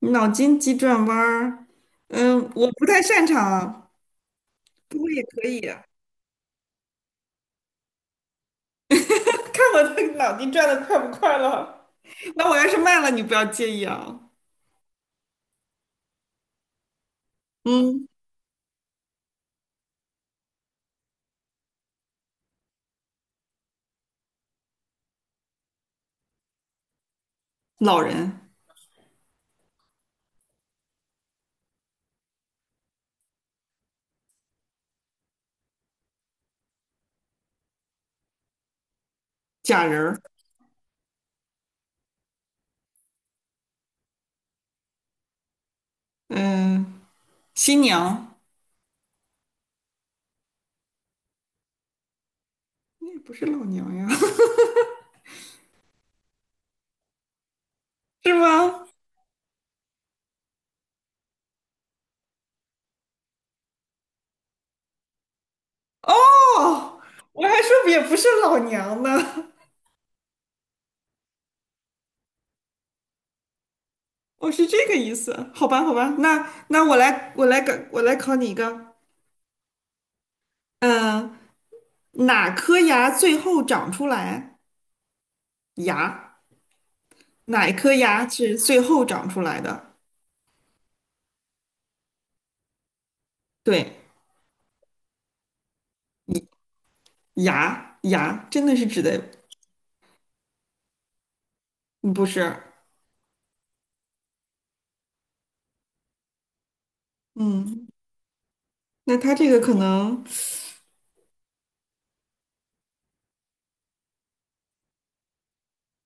脑筋急转弯儿，嗯，我不太擅长，不过也可以。看我的脑筋转的快不快了？那我要是慢了，你不要介意啊。嗯，老人、假人儿，嗯，新娘，那也不是老娘呀，是吗？哦，我还说也不是老娘呢，我是这个意思。好吧，好吧，那我来考你一个。嗯，哪颗牙最后长出来？牙。哪一颗牙是最后长出来的？对，牙真的是指的，嗯，不是？嗯，那他这个可能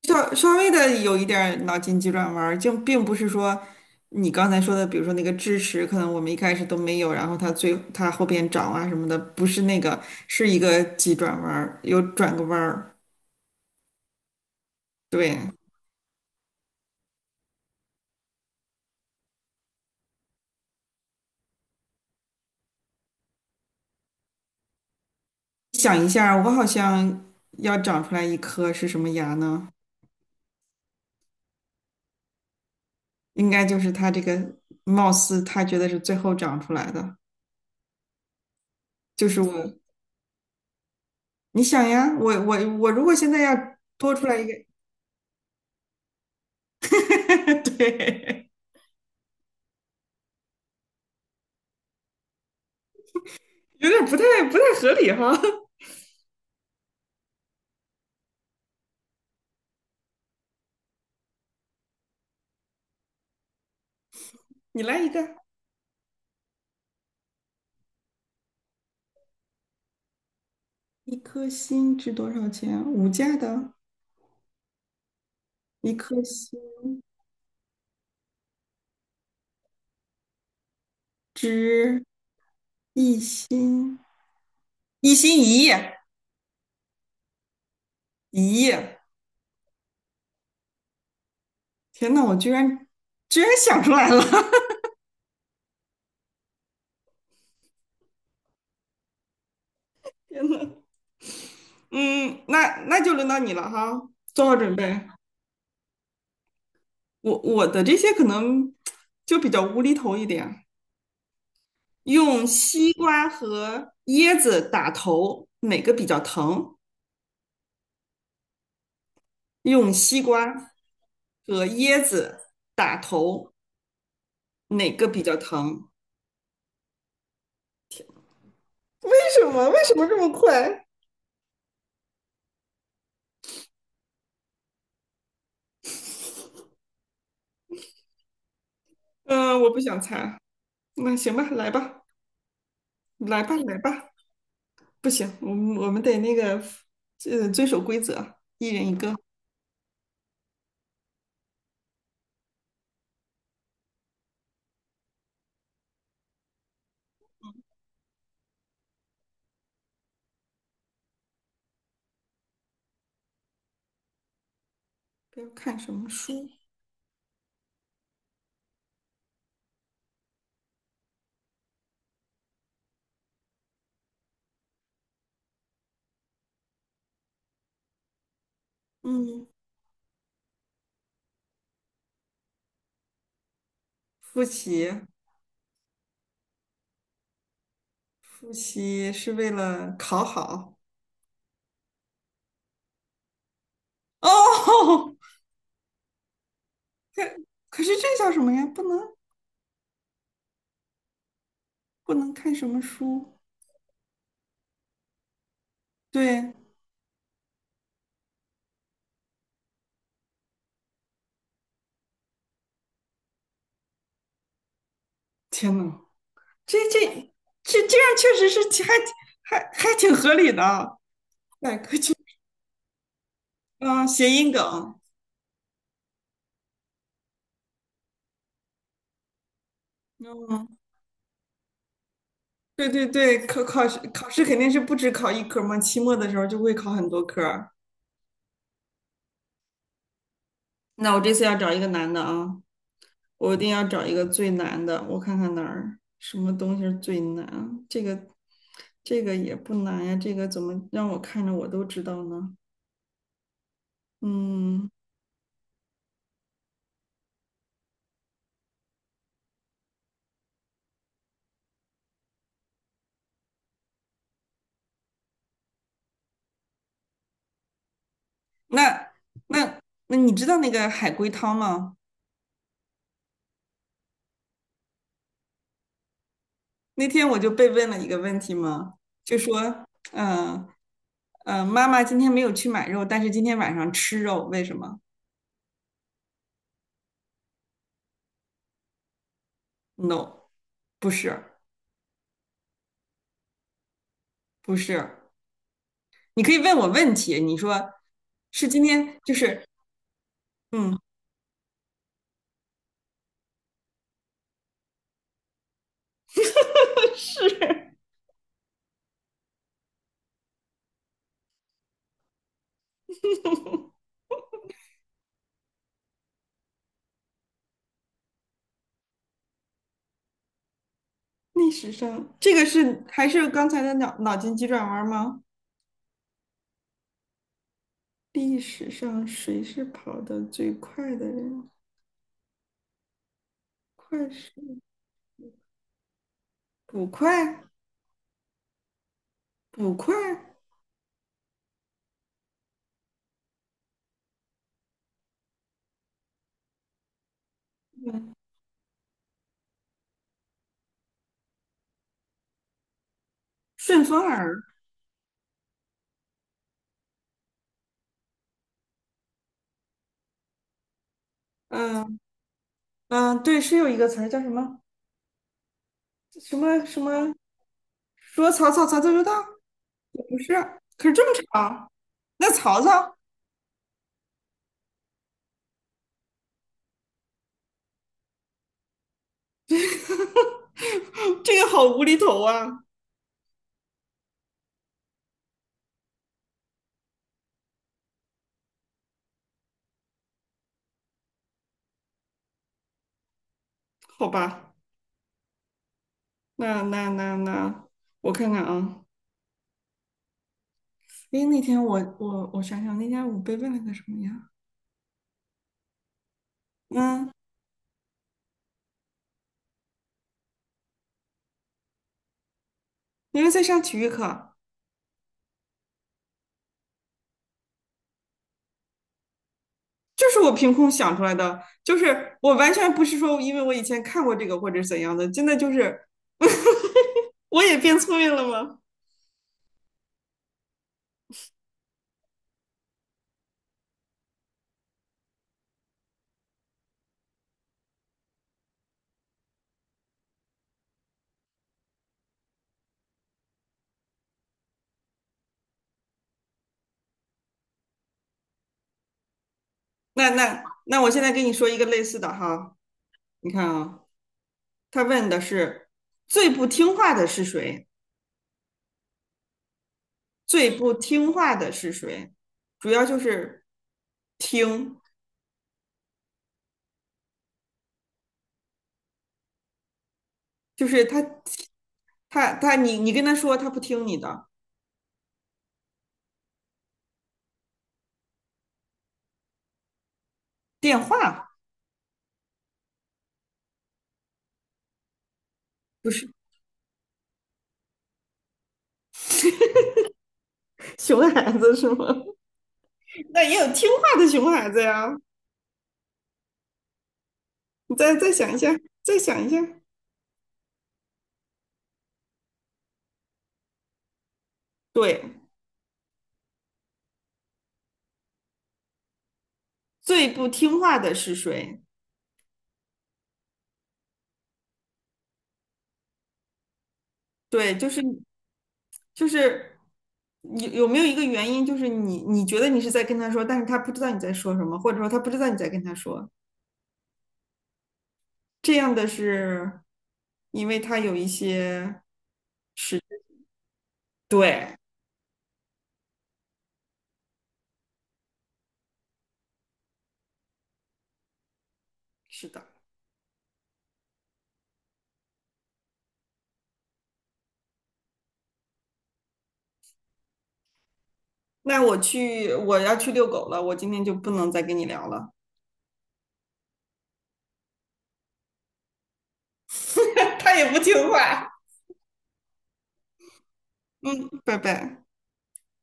稍稍微的有一点儿脑筋急转弯儿，就并不是说你刚才说的，比如说那个智齿，可能我们一开始都没有，然后它后边长啊什么的，不是那个，是一个急转弯儿，有转个弯儿。对，想一下我好像要长出来一颗是什么牙呢？应该就是他这个貌似他觉得是最后长出来的，就是我，你想呀，我如果现在要多出来一个，对，有点不太合理哈，你来一个。一颗心值多少钱？五价的，一颗心值一心，一心一意，1亿。天呐，我居然想出来了，天呐，嗯，那就轮到你了哈，做好准备。我的这些可能就比较无厘头一点，用西瓜和椰子打头，哪个比较疼？用西瓜和椰子打头，哪个比较疼？为什么？为什么这么快？嗯，我不想猜。那行吧，来吧，来吧，来吧。不行，我们得那个，遵守规则，一人一个。不要看什么书。嗯，复习。复习是为了考好。哦，可可是这叫什么呀？不能看什么书？对，天呐，这这这样确实是挺还挺合理的。百科全。啊，谐音梗。嗯，对对对，考试肯定是不止考一科嘛，期末的时候就会考很多科儿。那我这次要找一个难的啊。我一定要找一个最难的，我看看哪儿什么东西是最难。这个也不难呀，这个怎么让我看着我都知道呢？嗯，那那那你知道那个海龟汤吗？那天我就被问了一个问题嘛，就说，嗯、妈妈今天没有去买肉，但是今天晚上吃肉，为什么？No,不是，不是，你可以问我问题，你说是今天就是，嗯 是。历史上，这个是还是刚才的脑筋急转弯吗？历史上谁是跑得最快的人？快是捕快，捕快，顺风耳。嗯嗯，对，是有一个词儿叫什么什么什么？说曹操，曹操就到，也不是，可是这么长，那曹操。 这个好无厘头啊。好吧，那那那那，我看看啊。诶，那天我想想，那天我被问了个什么呀？嗯。因为在上体育课，就是我凭空想出来的，就是我完全不是说因为我以前看过这个或者怎样的，真的就是我也变聪明了吗？那我现在跟你说一个类似的哈，你看啊，他问的是最不听话的是谁？最不听话的是谁？主要就是听，就是他你跟他说他不听你的电话，不是熊孩子是吗？那也有听话的熊孩子呀。你再想一下，再想一下。对，最不听话的是谁？对，就是有没有一个原因，就是你觉得你是在跟他说，但是他不知道你在说什么，或者说他不知道你在跟他说。这样的是，因为他有一些是，对，是的。那我去，我要去遛狗了，我今天就不能再跟你聊了。他也不听话。嗯，拜拜。